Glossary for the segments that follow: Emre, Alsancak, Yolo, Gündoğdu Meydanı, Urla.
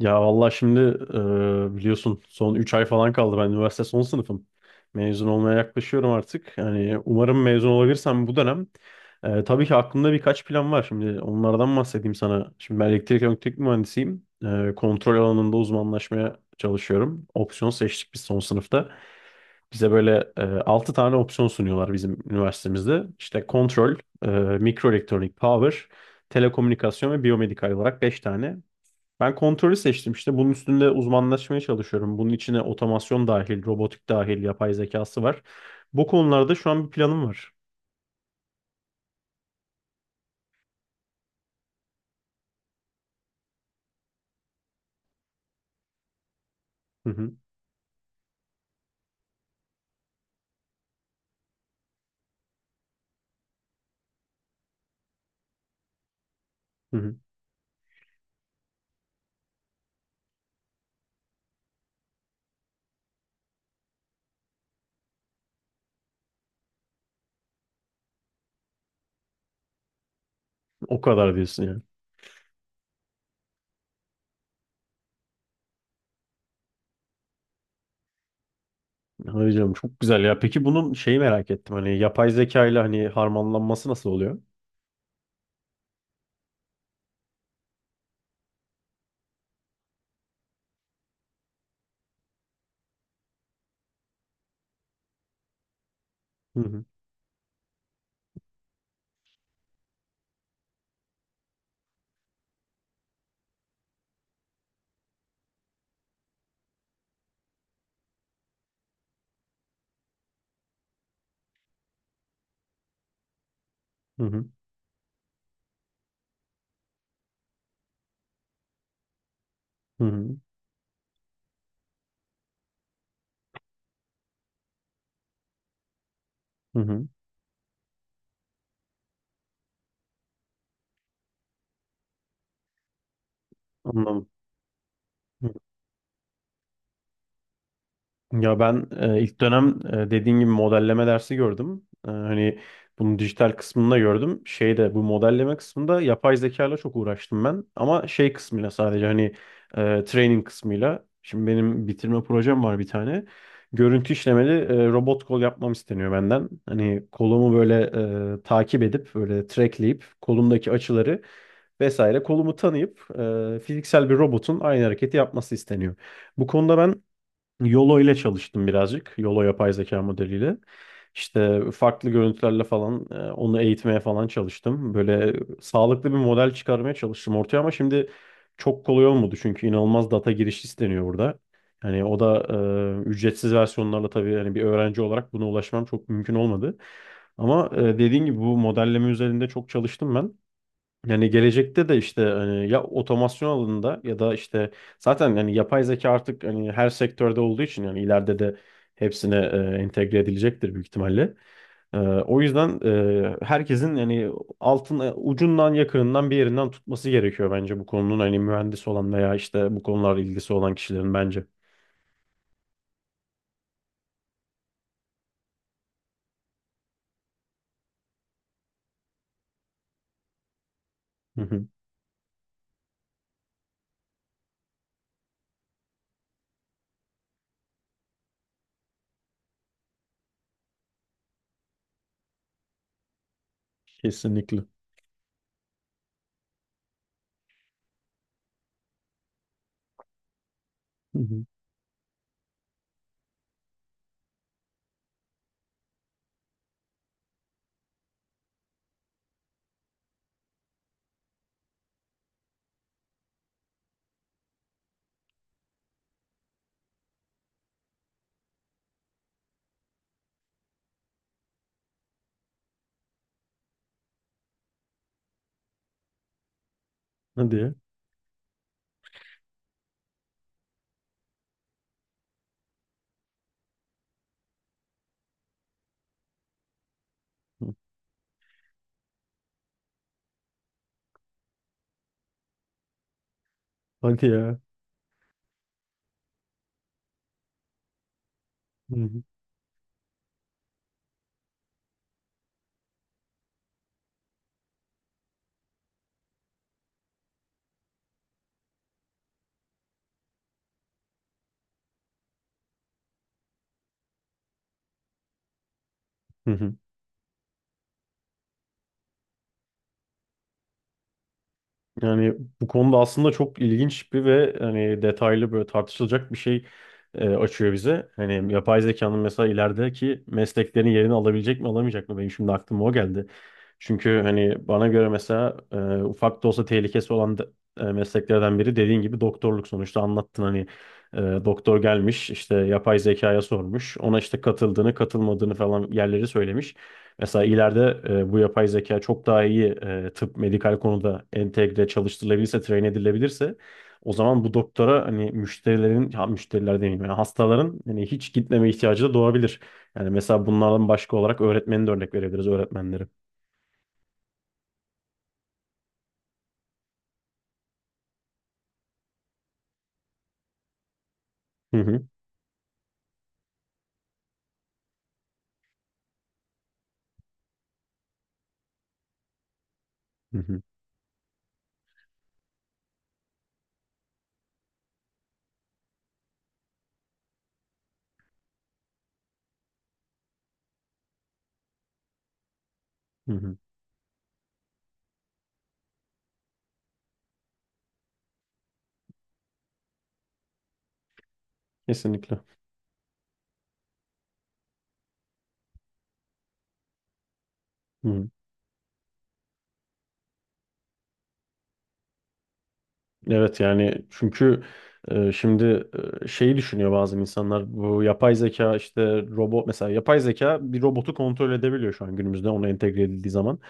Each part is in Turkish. Ya vallahi şimdi biliyorsun son 3 ay falan kaldı. Ben üniversite son sınıfım. Mezun olmaya yaklaşıyorum artık. Yani umarım mezun olabilirsem bu dönem. Tabii ki aklımda birkaç plan var. Şimdi onlardan bahsedeyim sana. Şimdi ben elektrik mühendisiyim. Kontrol alanında uzmanlaşmaya çalışıyorum. Opsiyon seçtik biz son sınıfta. Bize böyle 6 tane opsiyon sunuyorlar bizim üniversitemizde. İşte kontrol, e, mikroelektronik, power, telekomünikasyon ve biyomedikal olarak 5 tane. Ben kontrolü seçtim işte. Bunun üstünde uzmanlaşmaya çalışıyorum. Bunun içine otomasyon dahil, robotik dahil, yapay zekası var. Bu konularda şu an bir planım var. Hı hı, hı hı. O kadar diyorsun yani. Hayır canım çok güzel ya. Peki bunun şeyi merak ettim. Hani yapay zeka ile hani harmanlanması nasıl oluyor? Hı hı, hı hı, hı hı, hı hı. Anladım. Ya ben ilk dönem dediğin gibi modelleme dersi gördüm. Hani bunun dijital kısmında gördüm. Şeyde bu modelleme kısmında yapay zeka ile çok uğraştım ben. Ama şey kısmıyla sadece hani training kısmıyla. Şimdi benim bitirme projem var bir tane. Görüntü işlemeli robot kol yapmam isteniyor benden. Hani kolumu böyle takip edip böyle trackleyip kolumdaki açıları vesaire kolumu tanıyıp fiziksel bir robotun aynı hareketi yapması isteniyor. Bu konuda ben Yolo ile çalıştım birazcık. Yolo yapay zeka modeliyle. İşte farklı görüntülerle falan onu eğitmeye falan çalıştım. Böyle sağlıklı bir model çıkarmaya çalıştım ortaya ama şimdi çok kolay olmadı çünkü inanılmaz data girişi isteniyor burada. Hani o da ücretsiz versiyonlarla tabii hani bir öğrenci olarak buna ulaşmam çok mümkün olmadı. Ama dediğin gibi bu modelleme üzerinde çok çalıştım ben. Yani gelecekte de işte hani ya otomasyon alanında ya da işte zaten yani yapay zeka artık hani her sektörde olduğu için yani ileride de hepsine entegre edilecektir büyük ihtimalle. O yüzden herkesin yani altın ucundan yakınından bir yerinden tutması gerekiyor bence bu konunun hani mühendis olan veya işte bu konularla ilgisi olan kişilerin bence. Hı hı. Kesinlikle. Hı hı. Hadi ya. Hı. Hadi ya. Hı hı. Hı hı. Yani bu konuda aslında çok ilginç bir ve hani detaylı böyle tartışılacak bir şey açıyor bize. Hani yapay zekanın mesela ilerideki mesleklerin yerini alabilecek mi alamayacak mı? Benim şimdi aklıma o geldi. Çünkü hani bana göre mesela ufak da olsa tehlikesi olan mesleklerden biri dediğin gibi doktorluk sonuçta anlattın hani e, doktor gelmiş işte yapay zekaya sormuş ona işte katıldığını katılmadığını falan yerleri söylemiş. Mesela ileride bu yapay zeka çok daha iyi tıp medikal konuda entegre çalıştırılabilirse train edilebilirse o zaman bu doktora hani müşterilerin ha, müşteriler demeyeyim yani hastaların hani hiç gitmeme ihtiyacı da doğabilir. Yani mesela bunlardan başka olarak öğretmeni de örnek verebiliriz öğretmenleri. Hı hı, hı hı. Kesinlikle. Hı hı. Evet yani çünkü şimdi şeyi düşünüyor bazı insanlar bu yapay zeka işte robot mesela yapay zeka bir robotu kontrol edebiliyor şu an günümüzde ona entegre edildiği zaman.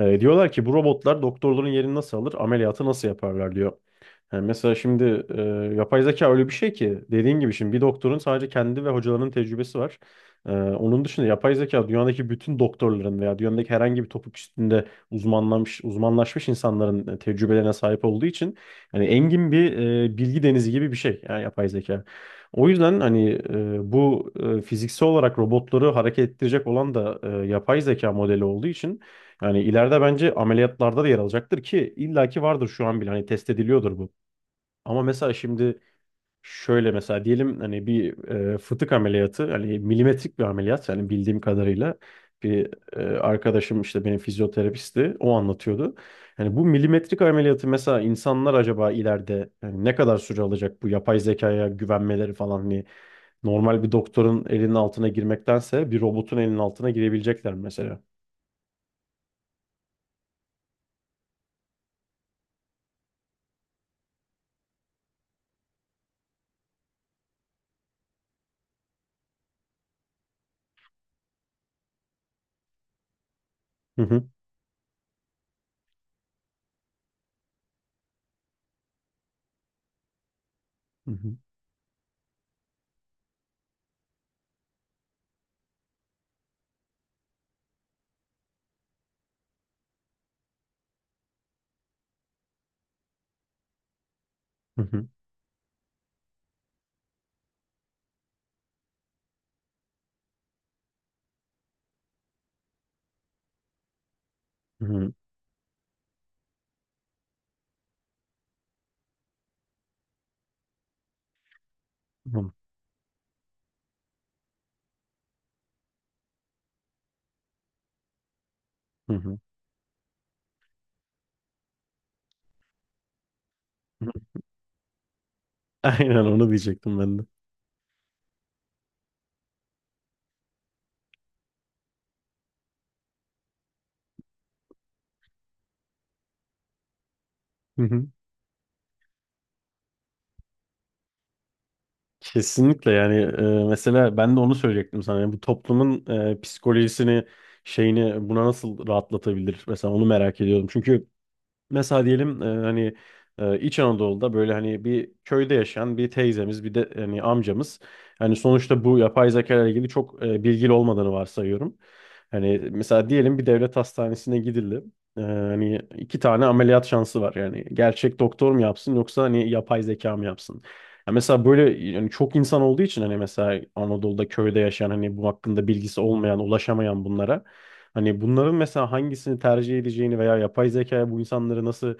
Diyorlar ki bu robotlar doktorların yerini nasıl alır ameliyatı nasıl yaparlar diyor. Yani mesela şimdi yapay zeka öyle bir şey ki dediğin gibi şimdi bir doktorun sadece kendi ve hocalarının tecrübesi var. Onun dışında yapay zeka dünyadaki bütün doktorların veya dünyadaki herhangi bir topuk üstünde uzmanlaşmış insanların tecrübelerine sahip olduğu için yani engin bir bilgi denizi gibi bir şey yani yapay zeka. O yüzden hani bu fiziksel olarak robotları hareket ettirecek olan da yapay zeka modeli olduğu için yani ileride bence ameliyatlarda da yer alacaktır ki illaki vardır şu an bile hani test ediliyordur bu. Ama mesela şimdi şöyle mesela diyelim hani bir fıtık ameliyatı hani milimetrik bir ameliyat yani bildiğim kadarıyla bir arkadaşım işte benim fizyoterapisti o anlatıyordu. Yani bu milimetrik ameliyatı mesela insanlar acaba ileride yani ne kadar süre alacak bu yapay zekaya güvenmeleri falan hani normal bir doktorun elinin altına girmektense bir robotun elinin altına girebilecekler mesela. Hı hı. Hı hı. Hı hı. Hı hı. Hı hı. Hı hı. Aynen onu diyecektim ben de. Hı hı. Kesinlikle yani mesela ben de onu söyleyecektim sana. Yani bu toplumun psikolojisini şeyini buna nasıl rahatlatabilir? Mesela onu merak ediyorum. Çünkü mesela diyelim hani İç Anadolu'da böyle hani bir köyde yaşayan bir teyzemiz bir de hani amcamız hani sonuçta bu yapay zeka ile ilgili çok bilgili olmadığını varsayıyorum. Hani mesela diyelim bir devlet hastanesine gidildi. Hani iki tane ameliyat şansı var. Yani gerçek doktor mu yapsın yoksa hani yapay zeka mı yapsın? Ya mesela böyle yani çok insan olduğu için hani mesela Anadolu'da köyde yaşayan hani bu hakkında bilgisi olmayan, ulaşamayan bunlara hani bunların mesela hangisini tercih edeceğini veya yapay zekaya bu insanları nasıl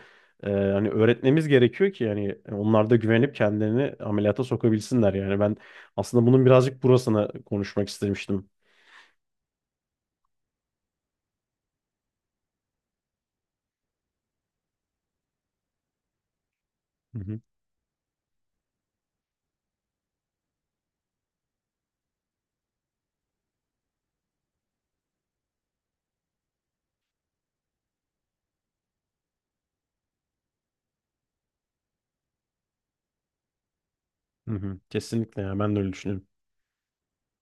hani öğretmemiz gerekiyor ki yani onlar da güvenip kendilerini ameliyata sokabilsinler yani ben aslında bunun birazcık burasına konuşmak istemiştim. Hı hı. Hı hı. Kesinlikle ya ben de öyle düşünüyorum.